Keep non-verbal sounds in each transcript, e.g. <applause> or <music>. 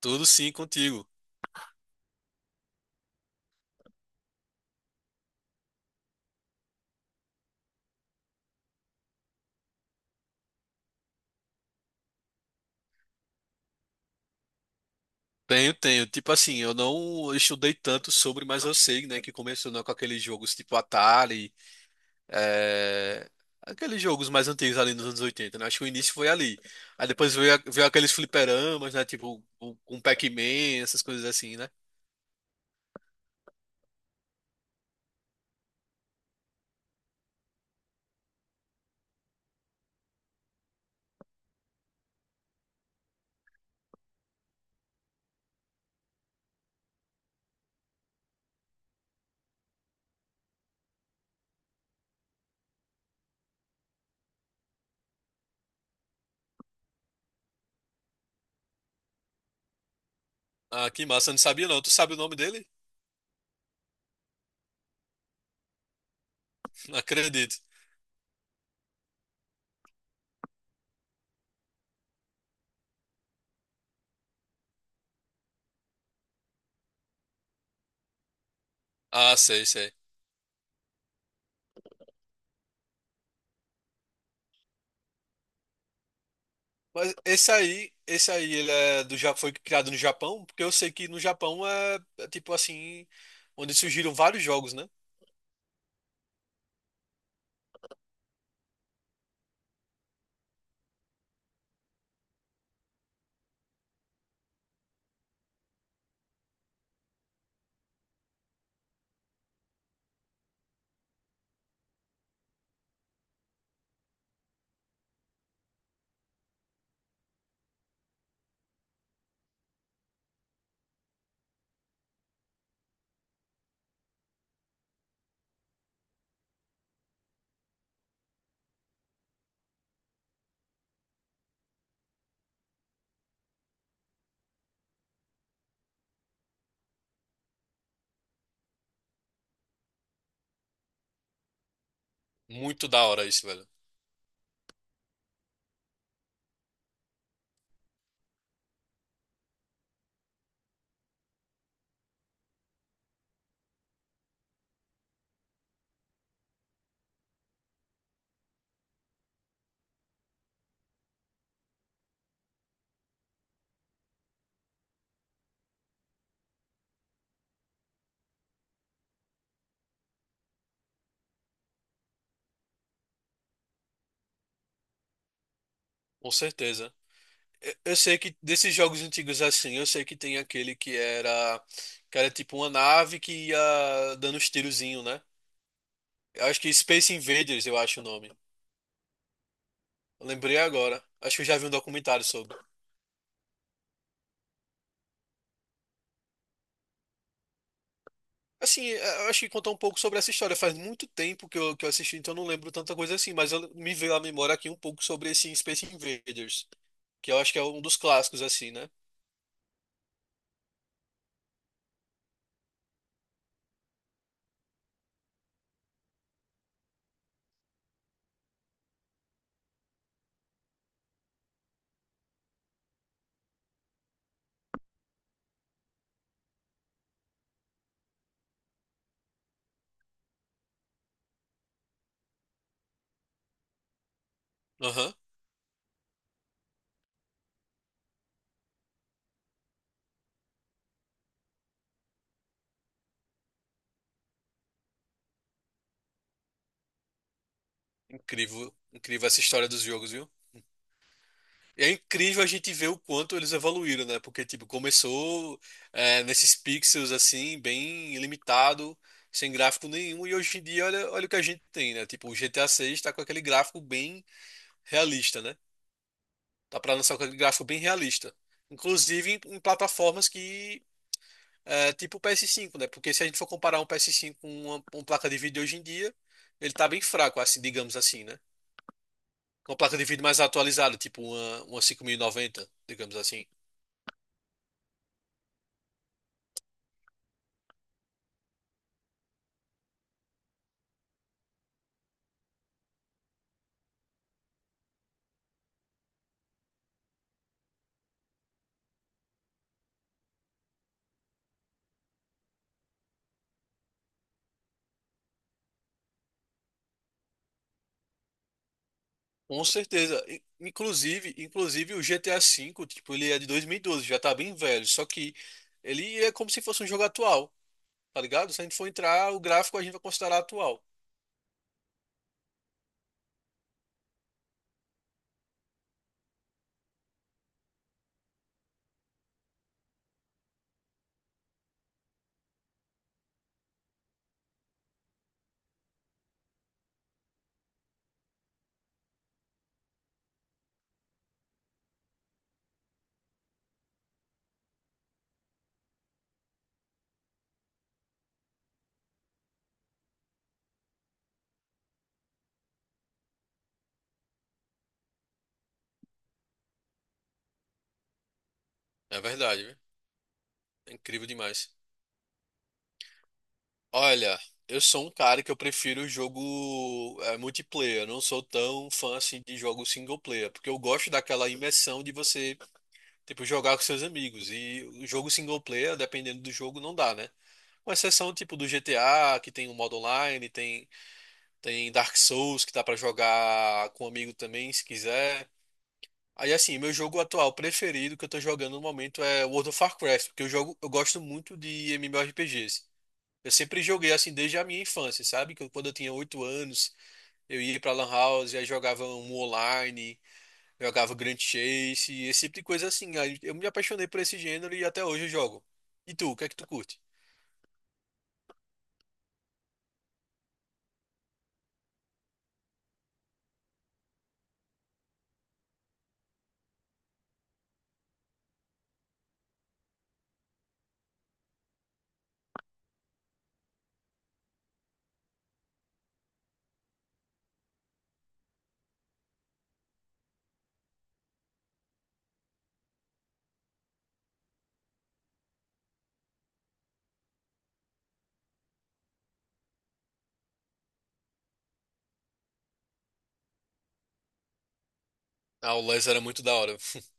Tudo sim contigo. Tenho, tenho. Tipo assim, eu não estudei tanto sobre, mas eu sei, né, que começou, né, com aqueles jogos tipo Atari, é, aqueles jogos mais antigos ali nos anos 80, né? Acho que o início foi ali. Aí depois veio, veio aqueles fliperamas, né, tipo com Pac-Man, essas coisas assim, né? Ah, que massa, eu não sabia não. Tu sabe o nome dele? <laughs> Não acredito. Ah, sei, sei. Mas esse aí, ele foi criado no Japão, porque eu sei que no Japão é tipo assim, onde surgiram vários jogos, né? Muito da hora isso, velho. Com certeza. Eu sei que desses jogos antigos assim, eu sei que tem aquele que era tipo uma nave que ia dando uns tirozinho, né? Eu acho que Space Invaders, eu acho o nome. Eu lembrei agora. Acho que eu já vi um documentário sobre. Assim, eu acho que contar um pouco sobre essa história. Faz muito tempo que eu assisti, então eu não lembro tanta coisa assim, mas me veio à memória aqui um pouco sobre esse Space Invaders, que eu acho que é um dos clássicos assim, né? Aham. Incrível, incrível essa história dos jogos, viu? É incrível a gente ver o quanto eles evoluíram, né? Porque, tipo, começou nesses pixels, assim, bem limitado, sem gráfico nenhum, e hoje em dia, olha, olha o que a gente tem, né? Tipo, o GTA 6 tá com aquele gráfico bem realista, né? Tá pra lançar com aquele gráfico bem realista. Inclusive em plataformas que, tipo o PS5, né? Porque se a gente for comparar um PS5 com com uma placa de vídeo hoje em dia, ele tá bem fraco, assim, digamos assim, né? Com uma placa de vídeo mais atualizada, tipo uma 5090, digamos assim. Com certeza. Inclusive o GTA V, tipo, ele é de 2012, já tá bem velho, só que ele é como se fosse um jogo atual, tá ligado? Se a gente for entrar, o gráfico a gente vai considerar atual. É verdade, viu? É incrível demais. Olha, eu sou um cara que eu prefiro o jogo multiplayer, eu não sou tão fã assim de jogo single player, porque eu gosto daquela imersão de você, tipo, jogar com seus amigos. E o jogo single player, dependendo do jogo, não dá, né? Com exceção, tipo, do GTA, que tem o modo online, Tem Dark Souls que dá pra jogar com um amigo também, se quiser. Aí assim, meu jogo atual preferido que eu tô jogando no momento é World of Warcraft, porque eu jogo, eu gosto muito de MMORPGs. Eu sempre joguei assim desde a minha infância, sabe? Quando eu tinha 8 anos, eu ia pra Lan House, aí jogava um online, jogava Grand Chase, esse tipo de coisa assim. Aí eu me apaixonei por esse gênero e até hoje eu jogo. E tu, o que é que tu curte? Ah, o LES era muito da hora. <laughs>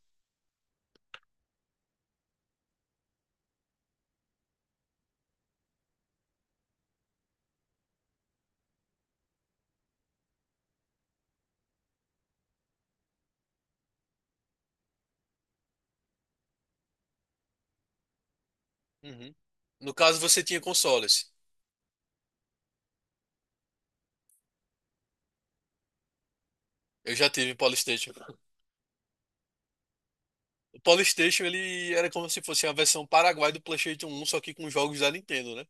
Uhum. No caso, você tinha consoles. Eu já tive PlayStation. O PlayStation ele era como se fosse a versão Paraguai do PlayStation 1, só que com jogos da Nintendo, né?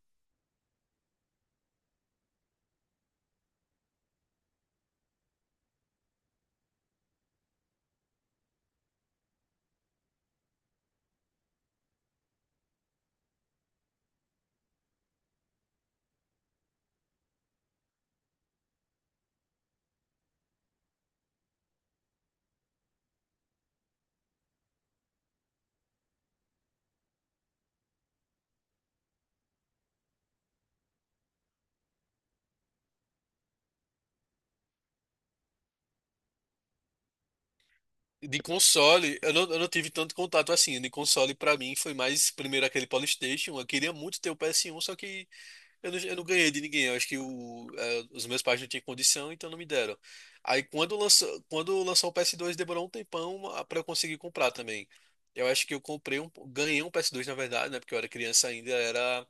De console, eu não tive tanto contato assim. De console, pra mim, foi mais primeiro aquele PlayStation. Eu queria muito ter o PS1, só que eu não ganhei de ninguém. Eu acho que os meus pais não tinham condição, então não me deram. Aí quando lançou o PS2, demorou um tempão, pra eu conseguir comprar também. Eu acho que eu comprei um, ganhei um PS2, na verdade, né? Porque eu era criança ainda, era.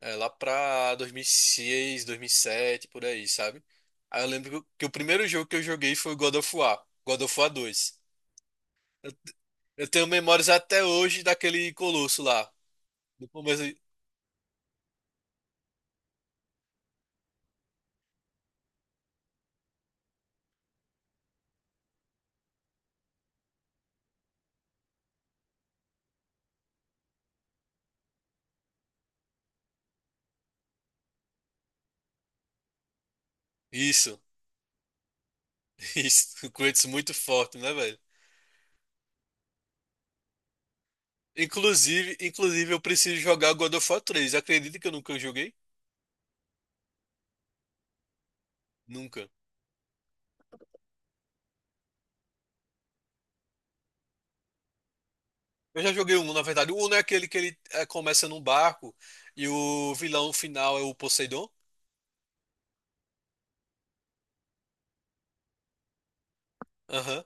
É, lá pra 2006, 2007, por aí, sabe? Aí eu lembro que o primeiro jogo que eu joguei foi o God of War, God of War 2. Eu, eu tenho memórias até hoje daquele colosso lá. No começo, isso, <laughs> isso, o Kratos muito forte, né, velho? Inclusive eu preciso jogar God of War 3. Acredita que eu nunca joguei? Nunca. Eu já joguei um, na verdade. O 1 é aquele que ele é, começa num barco e o vilão final é o Poseidon. Aham.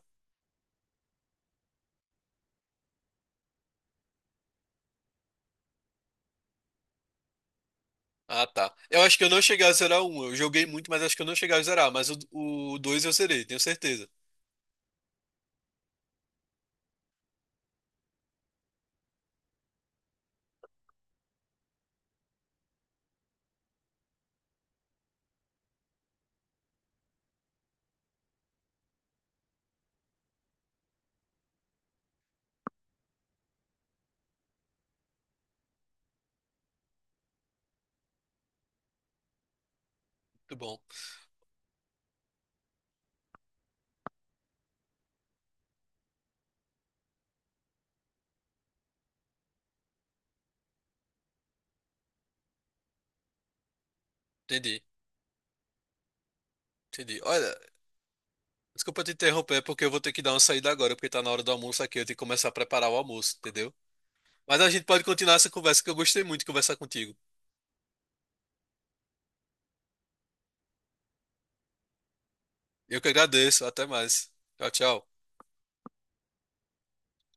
Ah, tá. Eu acho que eu não cheguei a zerar um. Eu joguei muito, mas acho que eu não cheguei a zerar. Mas o dois eu zerei, tenho certeza. Muito bom. Entendi. Entendi. Olha, desculpa te interromper, porque eu vou ter que dar uma saída agora, porque tá na hora do almoço aqui. Eu tenho que começar a preparar o almoço, entendeu? Mas a gente pode continuar essa conversa, que eu gostei muito de conversar contigo. Eu que agradeço. Até mais. Tchau, tchau.